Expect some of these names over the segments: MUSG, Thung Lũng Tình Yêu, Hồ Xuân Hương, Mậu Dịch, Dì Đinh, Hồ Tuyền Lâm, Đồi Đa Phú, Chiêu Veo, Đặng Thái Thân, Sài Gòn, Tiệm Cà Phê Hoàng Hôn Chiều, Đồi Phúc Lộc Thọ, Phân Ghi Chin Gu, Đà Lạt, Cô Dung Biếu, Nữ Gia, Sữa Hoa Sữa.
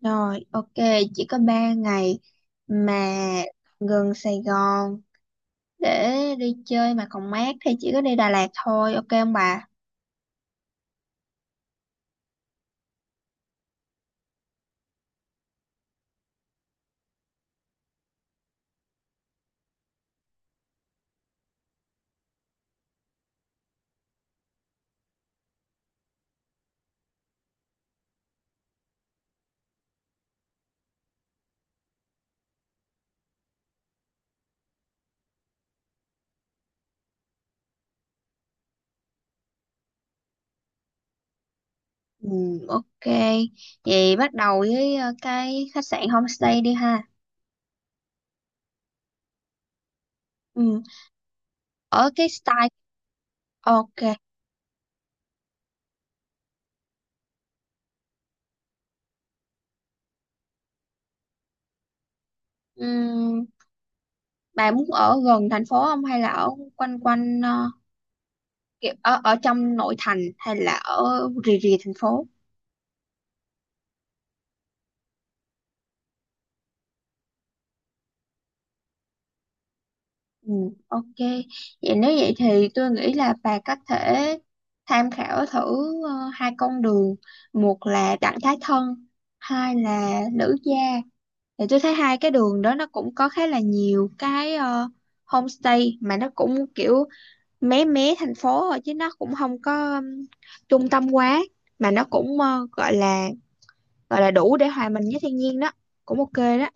Rồi, ok, chỉ có 3 ngày mà gần Sài Gòn để đi chơi mà còn mát thì chỉ có đi Đà Lạt thôi, ok không bà? Ừ, ok. Vậy bắt đầu với cái khách sạn homestay đi ha. Ừ, ở cái style ok. Ừm, bà muốn ở gần thành phố không hay là ở quanh quanh kiểu ở ở trong nội thành hay là ở rìa rìa thành phố? Ừ, ok. Vậy nếu vậy thì tôi nghĩ là bà có thể tham khảo thử hai con đường. Một là đặng thái thân, hai là nữ gia. Thì tôi thấy hai cái đường đó nó cũng có khá là nhiều cái homestay mà nó cũng kiểu mé mé thành phố thôi chứ nó cũng không có trung tâm quá mà nó cũng gọi là đủ để hòa mình với thiên nhiên đó. Cũng ok đó.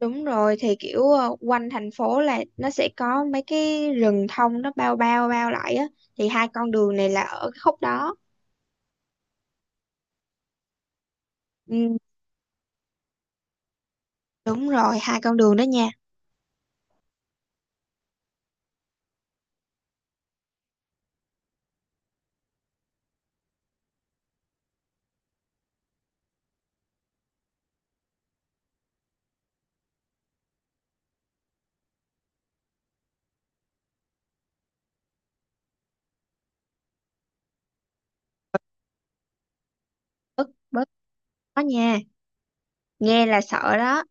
Đúng rồi thì kiểu quanh thành phố là nó sẽ có mấy cái rừng thông nó bao bao bao lại á thì hai con đường này là ở cái khúc đó. Ừ, đúng rồi hai con đường đó nha. Bớt bớt đó nha, nghe là sợ đó.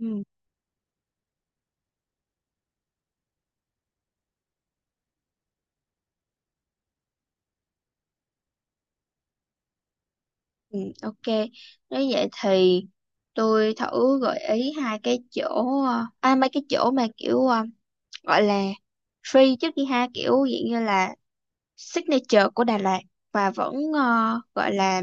Ừ, ừ, ok. Nếu vậy thì tôi thử gợi ý hai cái chỗ mấy cái chỗ mà kiểu gọi là free trước đi ha, kiểu dạng như là signature của Đà Lạt và vẫn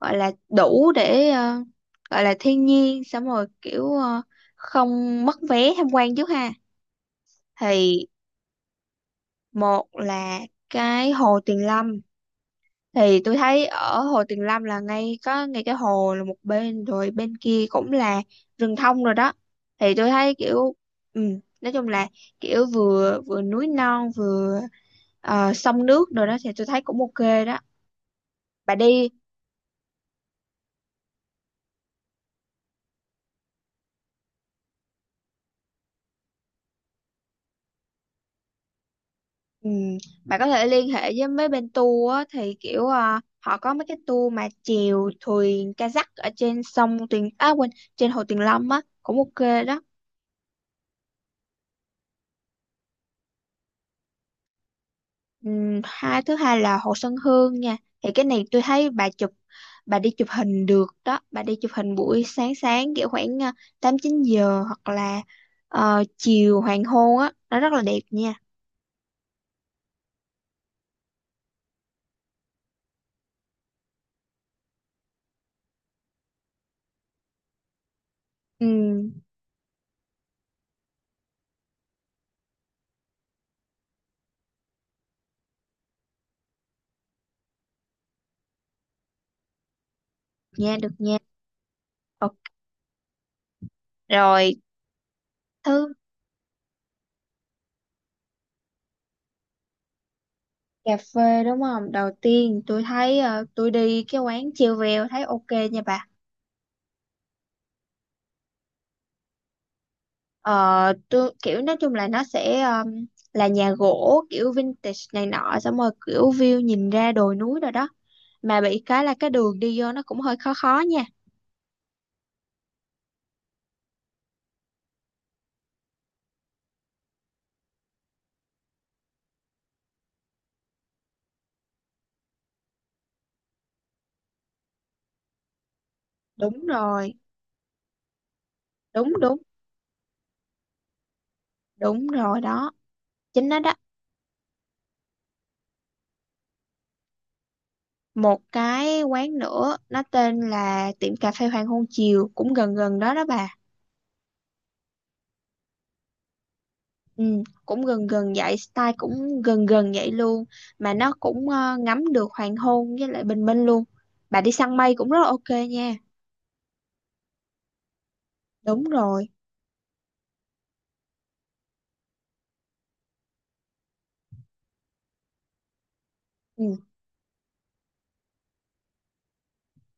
gọi là đủ để gọi là thiên nhiên, xong rồi kiểu không mất vé tham quan trước ha. Thì một là cái hồ Tuyền Lâm, thì tôi thấy ở hồ Tuyền Lâm là ngay có ngay cái hồ là một bên rồi bên kia cũng là rừng thông rồi đó, thì tôi thấy kiểu ừ, nói chung là kiểu vừa vừa núi non vừa sông nước rồi đó, thì tôi thấy cũng ok đó, bà đi. Ừ. Bạn có thể liên hệ với mấy bên tour á, thì kiểu à, họ có mấy cái tour mà chèo thuyền kayak ở trên sông Tuyền à quên trên hồ Tuyền Lâm á cũng ok đó. Ừ. Hai, thứ hai là hồ Xuân Hương nha, thì cái này tôi thấy bà chụp, bà đi chụp hình được đó, bà đi chụp hình buổi sáng sáng kiểu khoảng à, tám chín giờ hoặc là chiều hoàng hôn á nó rất là đẹp nha. Ừ. Nha được nha. Ờ, rồi thứ cà phê đúng không? Đầu tiên tôi thấy tôi đi cái quán Chiêu Veo thấy ok nha bà. Ờ, tôi kiểu nói chung là nó sẽ là nhà gỗ kiểu vintage này nọ xong rồi kiểu view nhìn ra đồi núi rồi đó. Mà bị cái là cái đường đi vô nó cũng hơi khó khó nha. Đúng rồi, đúng đúng, đúng rồi đó. Chính nó đó. Một cái quán nữa nó tên là tiệm cà phê Hoàng Hôn Chiều cũng gần gần đó đó bà. Ừ, cũng gần gần vậy, style cũng gần gần vậy luôn, mà nó cũng ngắm được hoàng hôn với lại bình minh luôn. Bà đi săn mây cũng rất là ok nha. Đúng rồi. Ừ,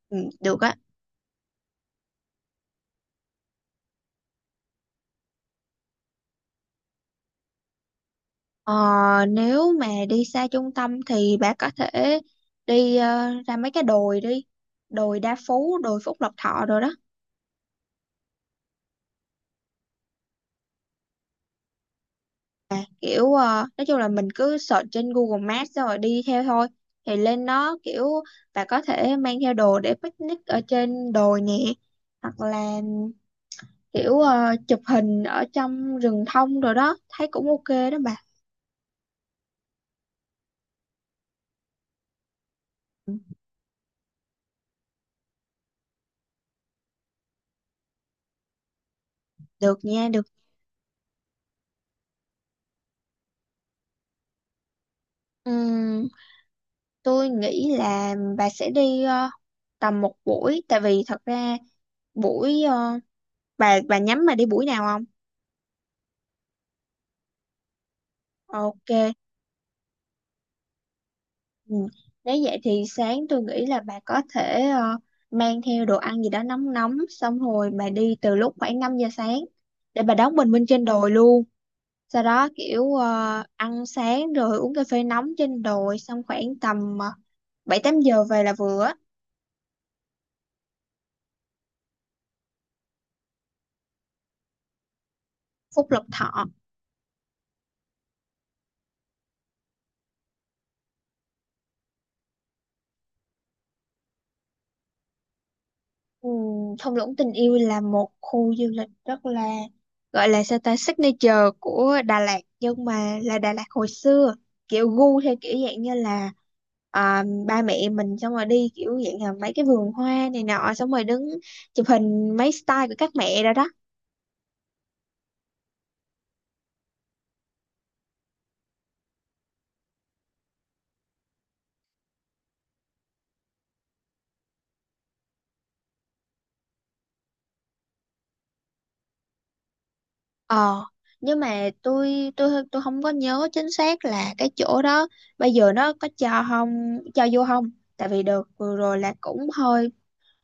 ừ, được á. Ờ, nếu mà đi xa trung tâm thì bà có thể đi ra mấy cái đồi đi. Đồi Đa Phú, đồi Phúc Lộc Thọ rồi đó. Kiểu nói chung là mình cứ search trên Google Maps xong rồi đi theo thôi, thì lên nó kiểu bà có thể mang theo đồ để picnic ở trên đồi nè, hoặc là kiểu chụp hình ở trong rừng thông rồi đó thấy cũng ok đó bà. Được nha được. Ừm, tôi nghĩ là bà sẽ đi tầm một buổi, tại vì thật ra buổi bà nhắm mà đi buổi nào không? Ok. Ừ. Nếu vậy thì sáng tôi nghĩ là bà có thể mang theo đồ ăn gì đó nóng nóng xong rồi bà đi từ lúc khoảng 5 giờ sáng để bà đón bình minh trên đồi luôn. Sau đó kiểu ăn sáng rồi uống cà phê nóng trên đồi xong khoảng tầm 7-8 giờ về là vừa á. Phút lộc thọ. Thung lũng tình yêu là một khu du lịch rất là gọi là sao ta signature của Đà Lạt nhưng mà là Đà Lạt hồi xưa, kiểu gu theo kiểu dạng như là à, ba mẹ mình xong rồi đi kiểu dạng là mấy cái vườn hoa này nọ xong rồi đứng chụp hình mấy style của các mẹ rồi đó. Ờ, nhưng mà tôi không có nhớ chính xác là cái chỗ đó bây giờ nó có cho không, cho vô không, tại vì đợt vừa rồi là cũng hơi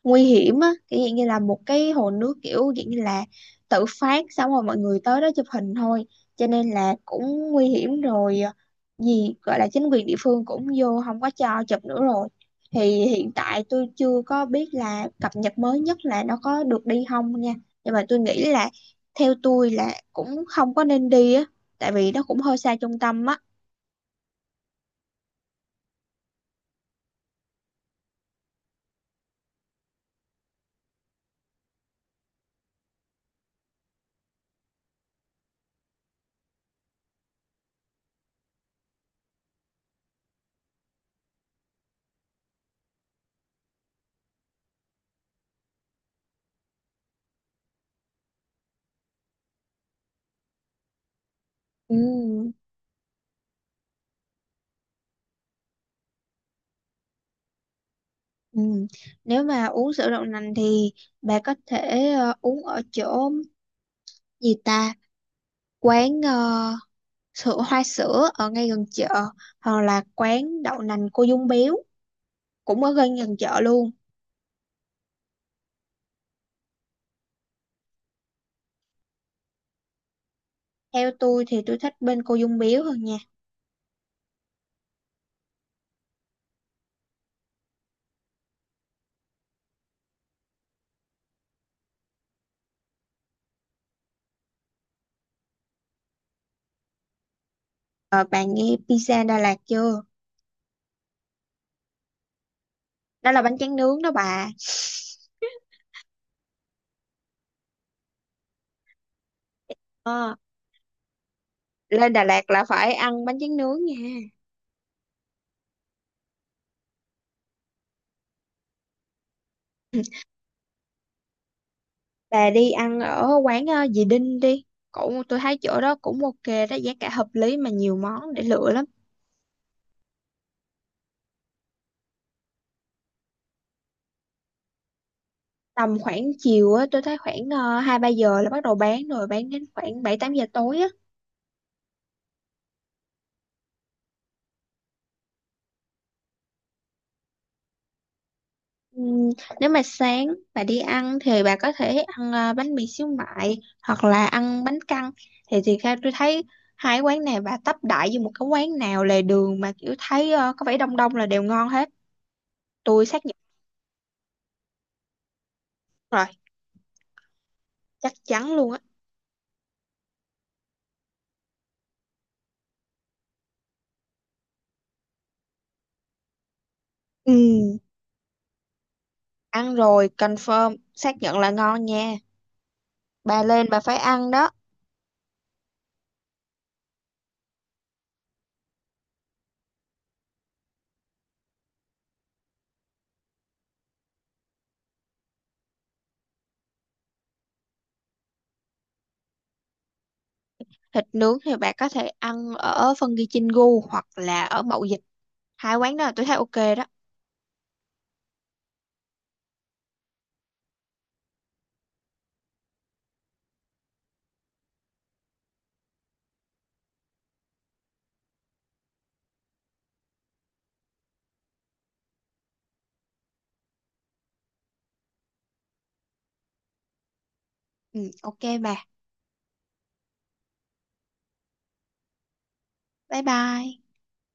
nguy hiểm á, kiểu dạng như là một cái hồ nước kiểu dạng như là tự phát xong rồi mọi người tới đó chụp hình thôi, cho nên là cũng nguy hiểm rồi gì gọi là chính quyền địa phương cũng vô không có cho chụp nữa rồi, thì hiện tại tôi chưa có biết là cập nhật mới nhất là nó có được đi không nha, nhưng mà tôi nghĩ là theo tôi là cũng không có nên đi á, tại vì nó cũng hơi xa trung tâm á. Ừ, ừ. Nếu mà uống sữa đậu nành thì bà có thể uống ở chỗ gì ta, quán sữa hoa sữa ở ngay gần chợ, hoặc là quán đậu nành cô Dung Biếu cũng ở gần gần chợ luôn. Theo tôi thì tôi thích bên cô Dung Biếu hơn nha. Ờ, bạn nghe pizza Đà Lạt chưa? Đó là bánh tráng nướng đó bà. Ờ, lên Đà Lạt là phải ăn bánh tráng nướng nha. Bà đi ăn ở quán dì Đinh đi, cũng tôi thấy chỗ đó cũng ok đó, giá cả hợp lý mà nhiều món để lựa lắm. Tầm khoảng chiều á tôi thấy khoảng hai ba giờ là bắt đầu bán rồi bán đến khoảng bảy tám giờ tối á. Ừm, nếu mà sáng bà đi ăn thì bà có thể ăn bánh mì xíu mại hoặc là ăn bánh căn, thì theo tôi thấy hai quán này bà tấp đại vô một cái quán nào lề đường mà kiểu thấy có vẻ đông đông là đều ngon hết, tôi xác nhận. Rồi, chắc chắn luôn á. Ừm, ăn rồi confirm xác nhận là ngon nha, bà lên bà phải ăn đó. Thịt nướng thì bạn có thể ăn ở phân ghi Chin gu hoặc là ở Mậu Dịch, hai quán đó là tôi thấy ok đó. Ừ, ok bà, bye bye.